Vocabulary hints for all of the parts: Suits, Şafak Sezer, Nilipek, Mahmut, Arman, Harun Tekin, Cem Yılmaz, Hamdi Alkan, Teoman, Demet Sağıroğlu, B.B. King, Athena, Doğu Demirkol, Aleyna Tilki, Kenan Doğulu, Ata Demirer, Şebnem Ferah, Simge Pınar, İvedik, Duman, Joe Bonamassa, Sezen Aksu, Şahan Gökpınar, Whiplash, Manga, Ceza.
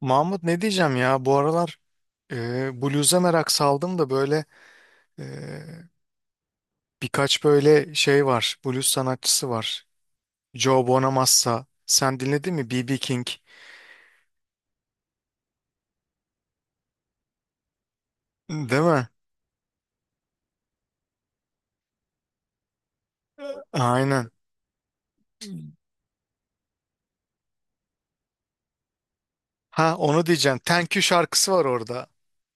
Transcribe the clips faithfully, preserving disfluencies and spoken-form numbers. Mahmut, ne diyeceğim ya, bu aralar e, blues'a merak saldım da böyle e, birkaç böyle şey var, blues sanatçısı var. Joe Bonamassa, sen dinledin mi? B B. King, değil mi? Aynen. Ha, onu diyeceğim. Thank You şarkısı var orada.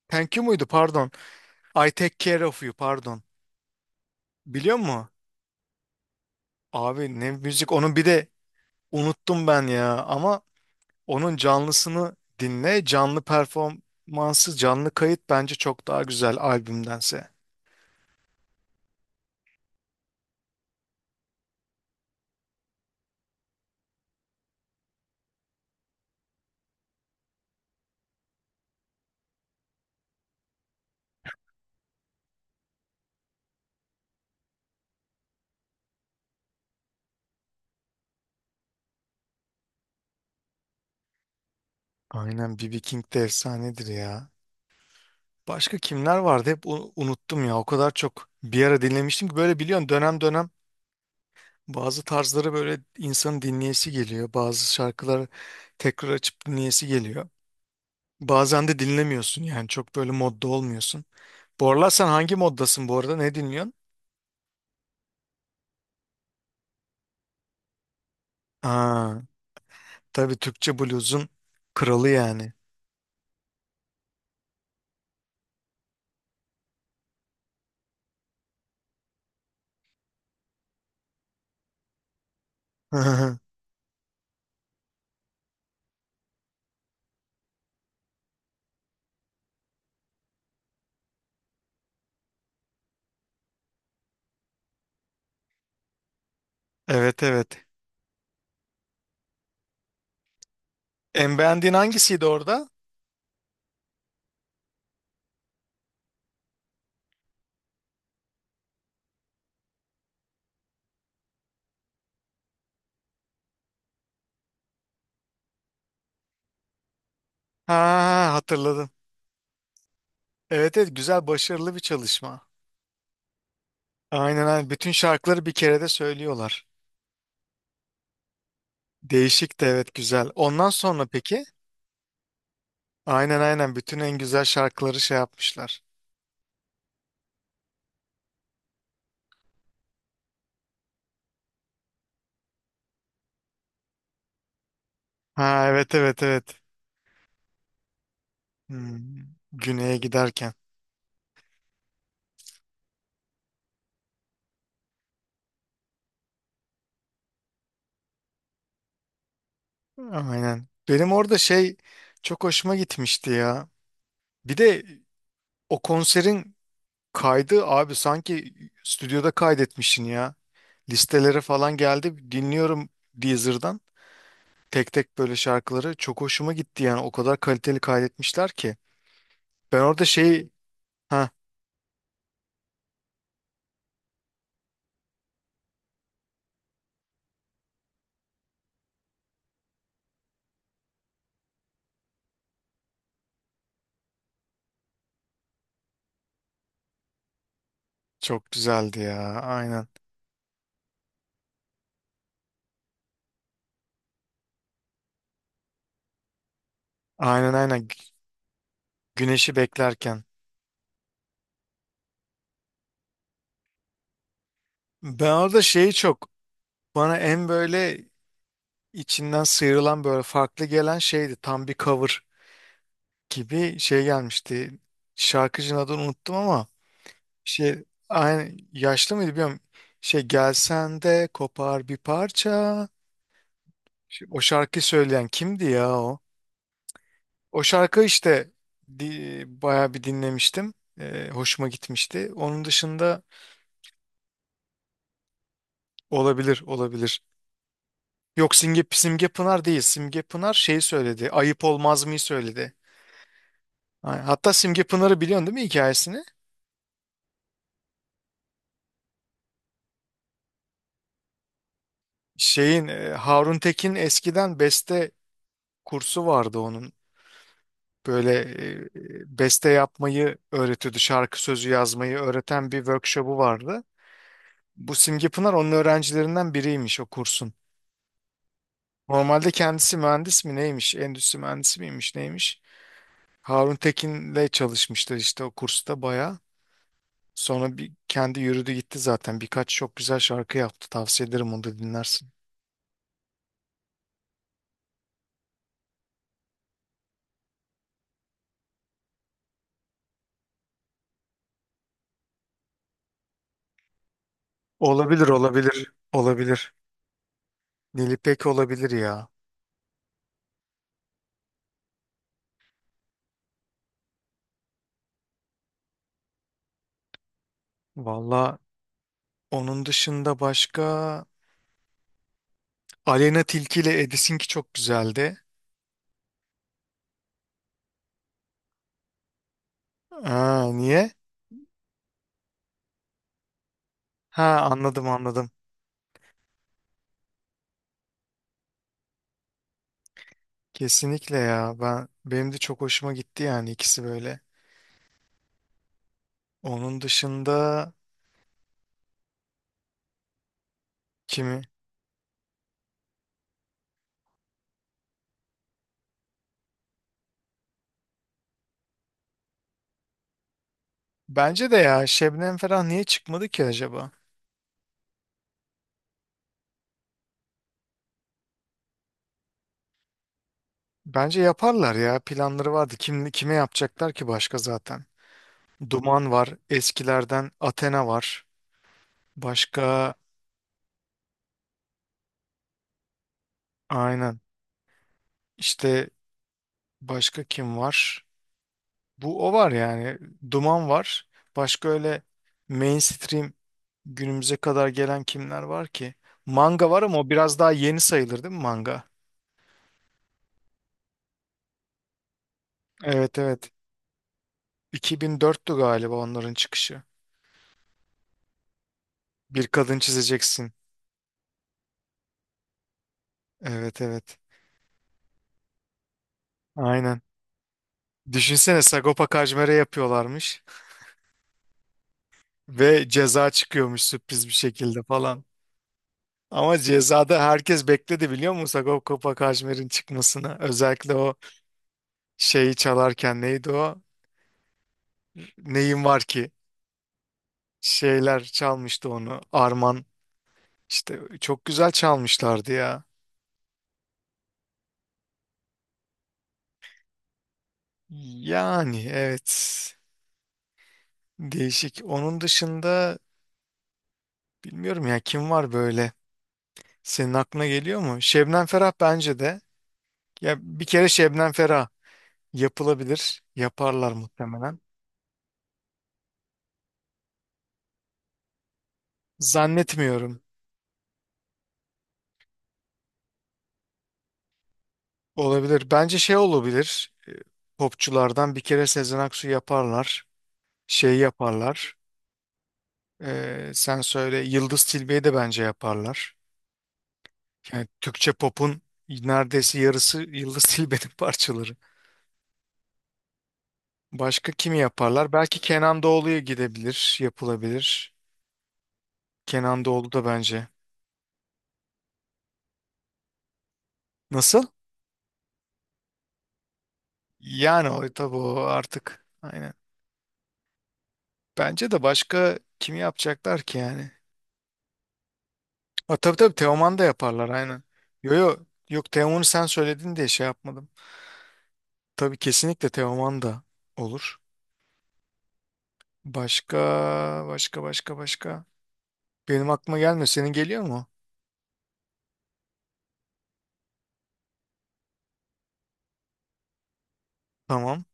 Thank You muydu, pardon. I Take Care of You, pardon. Biliyor musun? Abi, ne müzik onun, bir de unuttum ben ya. Ama onun canlısını dinle. Canlı performansı, canlı kayıt bence çok daha güzel albümdense. Aynen, B. B. King de efsanedir ya. Başka kimler vardı, hep u- unuttum ya. O kadar çok bir ara dinlemiştim ki, böyle biliyorsun, dönem dönem bazı tarzları böyle insanın dinleyesi geliyor. Bazı şarkıları tekrar açıp dinleyesi geliyor. Bazen de dinlemiyorsun yani, çok böyle modda olmuyorsun. Bu aralar sen hangi moddasın bu arada, ne dinliyorsun? Aa, tabii, Türkçe bluzun kralı yani. Evet, evet. En beğendiğin hangisiydi orada? Ha, hatırladım. Evet evet, güzel, başarılı bir çalışma. Aynen aynen. Bütün şarkıları bir kerede söylüyorlar. Değişik de, evet, güzel. Ondan sonra peki? Aynen aynen, bütün en güzel şarkıları şey yapmışlar. Ha, evet evet evet. Hmm, Güney'e giderken. Aynen. Benim orada şey çok hoşuma gitmişti ya. Bir de o konserin kaydı, abi, sanki stüdyoda kaydetmişsin ya. Listelere falan geldi. Dinliyorum Deezer'dan. Tek tek böyle şarkıları çok hoşuma gitti yani, o kadar kaliteli kaydetmişler ki. Ben orada şey, ha, çok güzeldi ya, aynen. Aynen aynen Gü- güneşi beklerken. Ben orada şeyi çok, bana en böyle içinden sıyrılan, böyle farklı gelen şeydi. Tam bir cover gibi şey gelmişti. Şarkıcının adını unuttum ama şey, aynı yaşlı mıydı bilmiyorum. Şey, gelsen de kopar bir parça. Şimdi o şarkıyı söyleyen kimdi ya o? O şarkı işte, di, bayağı bir dinlemiştim. Ee, hoşuma gitmişti. Onun dışında olabilir, olabilir. Yok, Simge, Simge Pınar değil. Simge Pınar şeyi söyledi. Ayıp olmaz mıyı söyledi. Ha, hatta Simge Pınar'ı biliyorsun değil mi, hikayesini? Şeyin e, Harun Tekin, eskiden beste kursu vardı onun. Böyle e, e, beste yapmayı öğretiyordu. Şarkı sözü yazmayı öğreten bir workshop'u vardı. Bu Simge Pınar onun öğrencilerinden biriymiş, o kursun. Normalde kendisi mühendis mi, neymiş? Endüstri mühendisi miymiş, neymiş? Harun Tekin'le çalışmışlar işte o kursta bayağı. Sonra bir kendi yürüdü gitti zaten. Birkaç çok güzel şarkı yaptı. Tavsiye ederim, onu da dinlersin. Olabilir, olabilir, olabilir. Nilipek olabilir ya. Valla onun dışında başka Aleyna Tilki ile Edis'inki çok güzeldi. Ha, niye? Ha, anladım anladım. Kesinlikle ya. Ben, benim de çok hoşuma gitti yani, ikisi böyle. Onun dışında kimi? Bence de ya, Şebnem Ferah niye çıkmadı ki acaba? Bence yaparlar ya. Planları vardı. Kim kime yapacaklar ki başka zaten? Duman var, eskilerden Athena var. Başka, aynen. İşte başka kim var? Bu o var yani. Duman var. Başka öyle mainstream, günümüze kadar gelen kimler var ki? Manga var ama o biraz daha yeni sayılır değil mi, manga? Evet evet. iki bin dörttü galiba onların çıkışı. Bir kadın çizeceksin. Evet evet. Aynen. Düşünsene, Sagopa Kajmer'e yapıyorlarmış ve Ceza çıkıyormuş sürpriz bir şekilde falan. Ama Ceza'da herkes bekledi, biliyor musun, Sagopa Kajmer'in çıkmasını. Özellikle o şeyi çalarken, neydi o? Neyim var ki? Şeyler çalmıştı onu. Arman, işte çok güzel çalmışlardı ya. Yani evet. Değişik. Onun dışında bilmiyorum ya, kim var böyle? Senin aklına geliyor mu? Şebnem Ferah bence de. Ya bir kere Şebnem Ferah yapılabilir. Yaparlar muhtemelen. Zannetmiyorum. Olabilir. Bence şey olabilir. e, Popçulardan bir kere Sezen Aksu yaparlar. Şey yaparlar. Ee, sen söyle, Yıldız Tilbe'yi de bence yaparlar. Yani Türkçe pop'un neredeyse yarısı Yıldız Tilbe'nin parçaları. Başka kimi yaparlar? Belki Kenan Doğulu'ya gidebilir, yapılabilir. Kenan Doğulu da bence. Nasıl? Yani o tabii, o artık. Aynen. Bence de başka kimi yapacaklar ki yani? Ha, tabii tabii, Teoman da yaparlar, aynen. Yo yo, yok, Teoman'ı sen söyledin diye şey yapmadım. Tabii, kesinlikle Teoman da olur. Başka, başka, başka, başka. Benim aklıma gelmiyor. Senin geliyor mu? Tamam.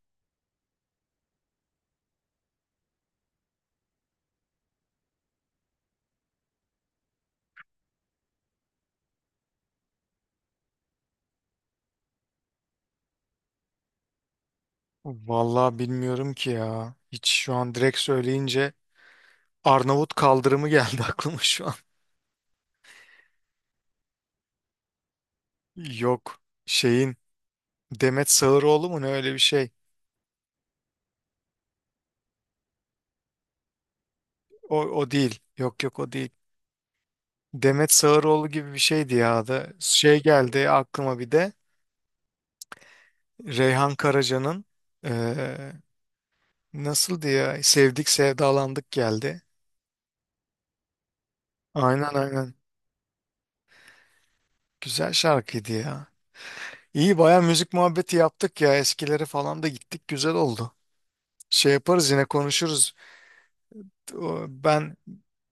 Vallahi bilmiyorum ki ya. Hiç şu an, direkt söyleyince Arnavut kaldırımı geldi aklıma şu an. Yok. Şeyin Demet Sağıroğlu mu ne, öyle bir şey. O, o değil. Yok yok, o değil. Demet Sağıroğlu gibi bir şeydi ya adı. Şey geldi aklıma bir de. Reyhan Karaca'nın, eee, nasıldı ya? Sevdik sevdalandık geldi. Aynen aynen. Güzel şarkıydı ya. İyi, baya müzik muhabbeti yaptık ya, eskileri falan da gittik, güzel oldu. Şey yaparız, yine konuşuruz. O- Ben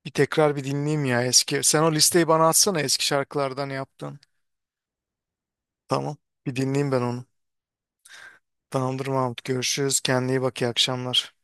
bir tekrar bir dinleyeyim ya eski. Sen o listeyi bana atsana, eski şarkılardan yaptın. Tamam, bir dinleyeyim ben onu. Tamamdır Mahmut, görüşürüz, kendine iyi bak, iyi akşamlar.